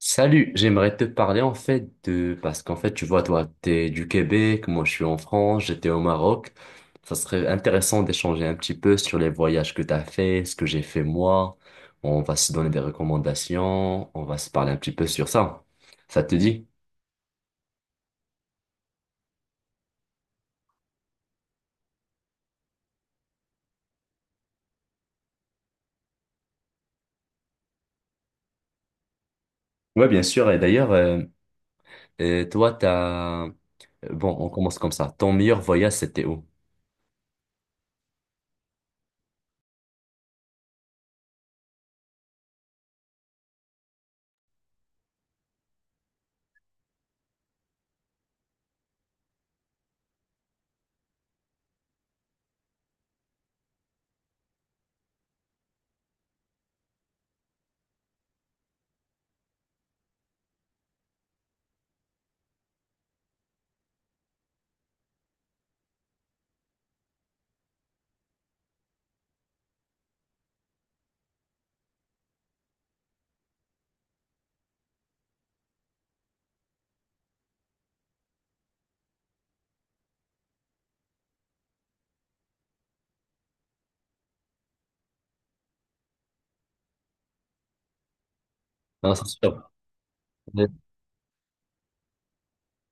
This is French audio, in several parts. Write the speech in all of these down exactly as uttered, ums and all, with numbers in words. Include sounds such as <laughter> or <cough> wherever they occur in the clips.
Salut, j'aimerais te parler en fait de... Parce qu'en fait, tu vois, toi, t'es du Québec, moi je suis en France, j'étais au Maroc. Ça serait intéressant d'échanger un petit peu sur les voyages que t'as fait, ce que j'ai fait moi. Bon, on va se donner des recommandations, on va se parler un petit peu sur ça. Ça te dit? Ouais, bien sûr. Et d'ailleurs, euh, euh, toi, t'as... Bon, on commence comme ça. Ton meilleur voyage, c'était où? Non, c'est sûr.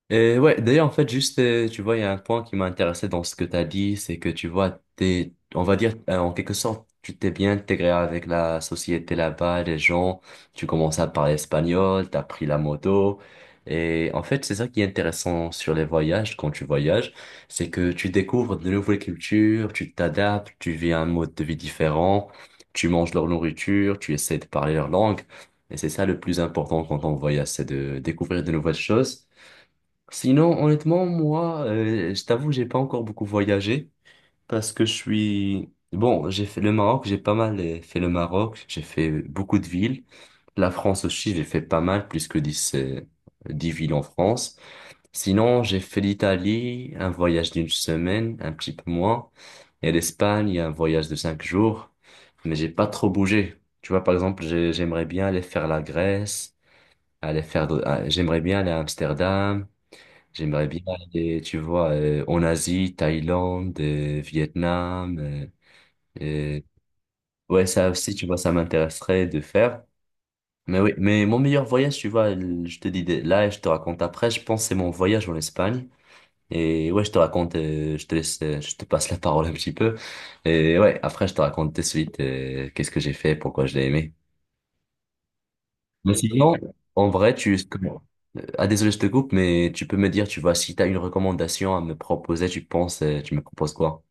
Et ouais, d'ailleurs, en fait, juste, euh, tu vois, il y a un point qui m'a intéressé dans ce que tu as dit, c'est que tu vois, t'es, on va dire, euh, en quelque sorte, tu t'es bien intégré avec la société là-bas, les gens, tu commences à parler espagnol, t'as pris la moto. Et en fait, c'est ça qui est intéressant sur les voyages, quand tu voyages, c'est que tu découvres de nouvelles cultures, tu t'adaptes, tu vis un mode de vie différent, tu manges leur nourriture, tu essaies de parler leur langue. Et c'est ça le plus important quand on voyage, c'est de découvrir de nouvelles choses. Sinon, honnêtement, moi, euh, je t'avoue, j'ai pas encore beaucoup voyagé parce que je suis... Bon, j'ai fait le Maroc, j'ai pas mal euh, fait le Maroc, j'ai fait beaucoup de villes. La France aussi, j'ai fait pas mal, plus que dix euh, dix villes en France. Sinon, j'ai fait l'Italie, un voyage d'une semaine, un petit peu moins. Et l'Espagne, un voyage de cinq jours. Mais j'ai pas trop bougé. Tu vois, par exemple, j'ai- j'aimerais bien aller faire la Grèce, aller faire... de- ah, J'aimerais bien aller à Amsterdam. J'aimerais bien aller, tu vois, euh, en Asie, Thaïlande, euh, Vietnam. euh, euh, ouais, ça aussi, tu vois, ça m'intéresserait de faire. Mais oui, mais mon meilleur voyage, tu vois, le- je te dis de- là et je te raconte après, je pense que c'est mon voyage en Espagne. Et ouais, je te raconte, euh, je te laisse, euh, je te passe la <laughs> parole un petit peu. Et ouais, après, je te raconte de suite euh, qu'est-ce que j'ai fait, pourquoi je l'ai aimé. Mais sinon, en vrai, tu... Euh, Ah, désolé, je te coupe, mais tu peux me dire, tu vois, si tu as une recommandation à me proposer, tu penses, euh, tu me proposes quoi?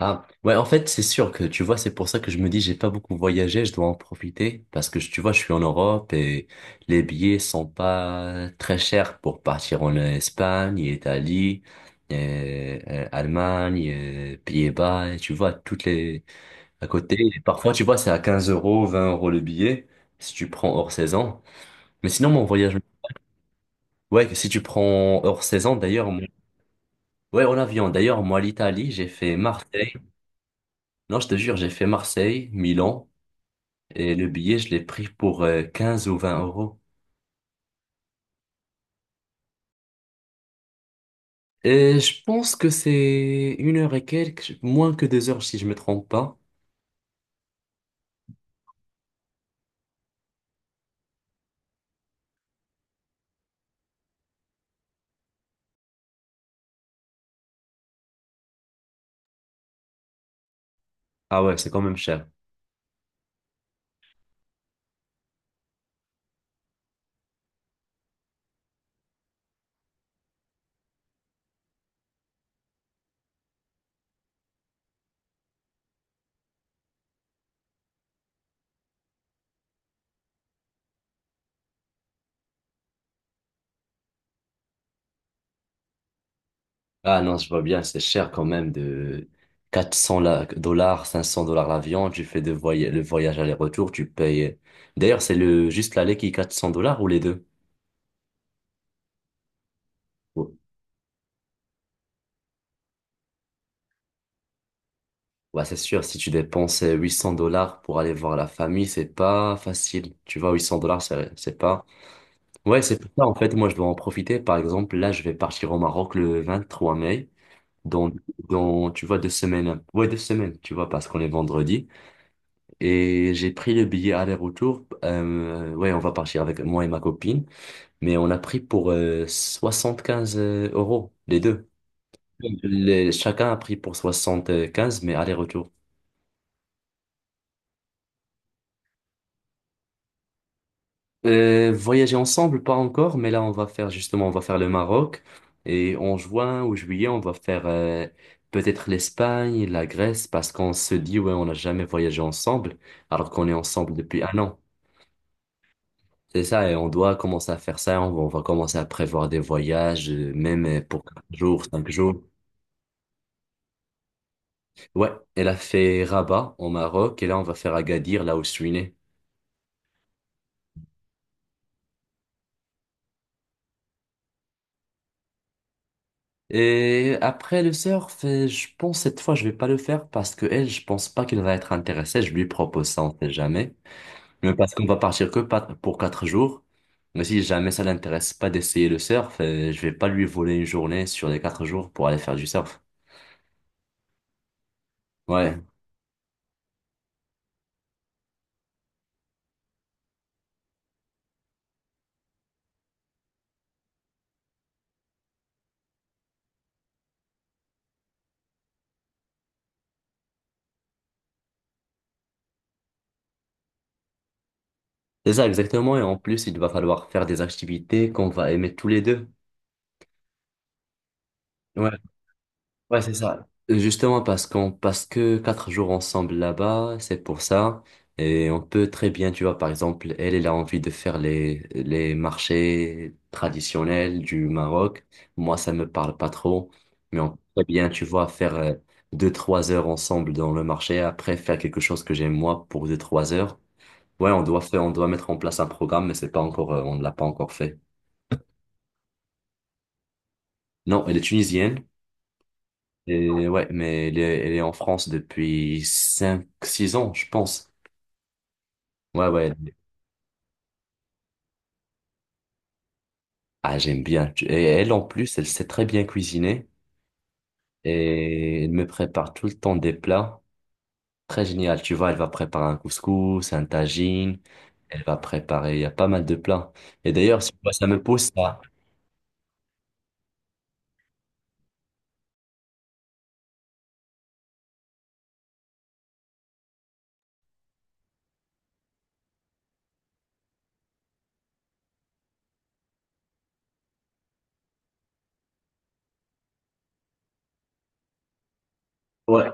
Ah, ouais, en fait, c'est sûr que, tu vois, c'est pour ça que je me dis, j'ai pas beaucoup voyagé, je dois en profiter, parce que, tu vois, je suis en Europe et les billets sont pas très chers pour partir en Espagne, Italie, et, euh, Allemagne, et Pays-Bas, et tu vois, toutes les... à côté. Et parfois, tu vois, c'est à quinze euros, vingt euros le billet, si tu prends hors saison. Mais sinon, mon voyage, ouais, si tu prends hors saison, d'ailleurs, mon- ouais, en avion. D'ailleurs, moi, l'Italie, j'ai fait Marseille. Non, je te jure, j'ai fait Marseille, Milan, et le billet, je l'ai pris pour euh, quinze ou vingt euros. Et je pense que c'est une heure et quelques, moins que deux heures, si je me trompe pas. Ah ouais, c'est quand même cher. Ah non, je vois bien, c'est cher quand même de quatre cents la- dollars, cinq cents dollars l'avion. Tu fais de voy- le voyage aller-retour, tu payes. D'ailleurs, c'est le juste l'aller qui est quatre cents dollars ou les deux? Bah, c'est sûr, si tu dépenses euh, huit cents dollars pour aller voir la famille, c'est pas facile. Tu vois, huit cents dollars, c'est c'est pas. Ouais, c'est pour ça, en fait, moi, je dois en profiter. Par exemple, là, je vais partir au Maroc le vingt-trois mai, dans, dans, tu vois, deux semaines. Ouais, deux semaines, tu vois, parce qu'on est vendredi. Et j'ai pris le billet aller-retour. Euh, ouais, on va partir avec moi et ma copine. Mais on a pris pour euh, soixante-quinze euros, les deux. Les- chacun a pris pour soixante-quinze, mais aller-retour. Euh, voyager ensemble, pas encore, mais là on va faire justement, on va faire le Maroc et en juin ou juillet on va faire euh, peut-être l'Espagne, la Grèce parce qu'on se dit ouais on n'a jamais voyagé ensemble alors qu'on est ensemble depuis un an. C'est ça et on doit commencer à faire ça, on va, on va commencer à prévoir des voyages euh, même euh, pour quatre jours, cinq jours. Ouais, elle a fait Rabat au Maroc et là on va faire Agadir là où je suis né. Et après le surf, euh, je pense cette fois je vais pas le faire parce que elle, je pense pas qu'elle va être intéressée. Je lui propose ça, on sait jamais. Mais parce qu'on va partir que pas- pour quatre jours. Mais si jamais ça l'intéresse pas d'essayer le surf, euh, je vais pas lui voler une journée sur les quatre jours pour aller faire du surf. Ouais, c'est ça exactement. Et en plus, il va falloir faire des activités qu'on va aimer tous les deux. Ouais. Ouais, c'est ça. Justement parce qu'on parce que quatre jours ensemble là-bas, c'est pour ça. Et on peut très bien, tu vois, par exemple, elle, elle a envie de faire les, les marchés traditionnels du Maroc. Moi, ça me parle pas trop. Mais on peut très bien, tu vois, faire euh, deux, trois heures ensemble dans le marché, après faire quelque chose que j'aime moi pour deux, trois heures. Ouais, on doit faire, on doit mettre en place un programme, mais c'est pas encore, euh, on ne l'a pas encore fait. Non, elle est tunisienne. Et ouais, mais elle est, elle est en France depuis cinq, six ans, je pense. Ouais, ouais. Ah, j'aime bien. Tu- Et elle, en plus, elle sait très bien cuisiner et elle me prépare tout le temps des plats. Très génial. Tu vois, elle va préparer un couscous, un tagine. Elle va préparer, il y a pas mal de plats. Et d'ailleurs, tu vois, ça me pousse à... Ouais,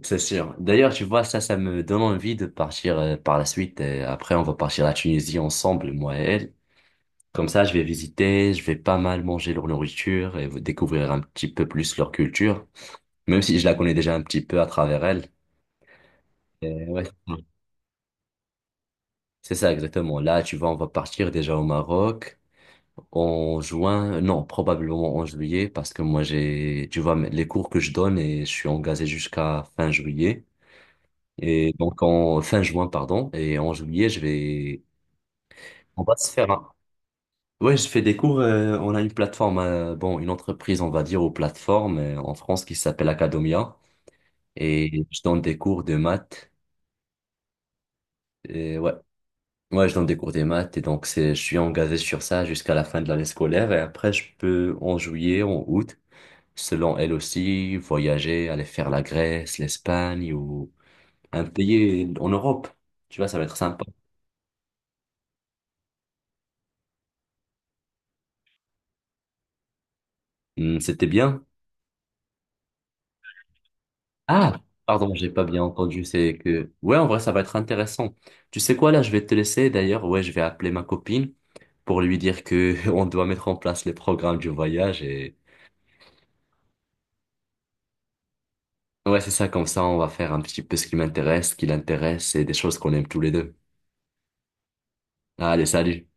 c'est sûr. D'ailleurs, tu vois, ça, ça me donne envie de partir euh, par la suite. Et après, on va partir à la Tunisie ensemble, moi et elle. Comme ça, je vais visiter, je vais pas mal manger leur nourriture et découvrir un petit peu plus leur culture, même si je la connais déjà un petit peu à travers elle. Et ouais. C'est ça, exactement. Là, tu vois, on va partir déjà au Maroc en juin, non, probablement en juillet, parce que moi, j'ai, tu vois, les cours que je donne et je suis engagé jusqu'à fin juillet. Et donc, en fin juin, pardon, et en juillet, je vais, on va se faire un- Ouais, je fais des cours. Euh, on a une plateforme, euh, bon, une entreprise, on va dire, aux plateformes euh, en France qui s'appelle Academia. Et je donne des cours de maths. Et ouais, ouais, je donne des cours de maths. Et donc, c'est, je suis engagé sur ça jusqu'à la fin de l'année scolaire. Et après, je peux, en juillet, en août, selon elle aussi, voyager, aller faire la Grèce, l'Espagne ou un pays en Europe. Tu vois, ça va être sympa. Hum, C'était bien. Ah, pardon, j'ai pas bien entendu. C'est que, ouais, en vrai, ça va être intéressant. Tu sais quoi, là, je vais te laisser. D'ailleurs, ouais, je vais appeler ma copine pour lui dire que <laughs> on doit mettre en place les programmes du voyage et ouais, c'est ça. Comme ça, on va faire un petit peu ce qui m'intéresse, ce qui l'intéresse et des choses qu'on aime tous les deux. Allez, salut.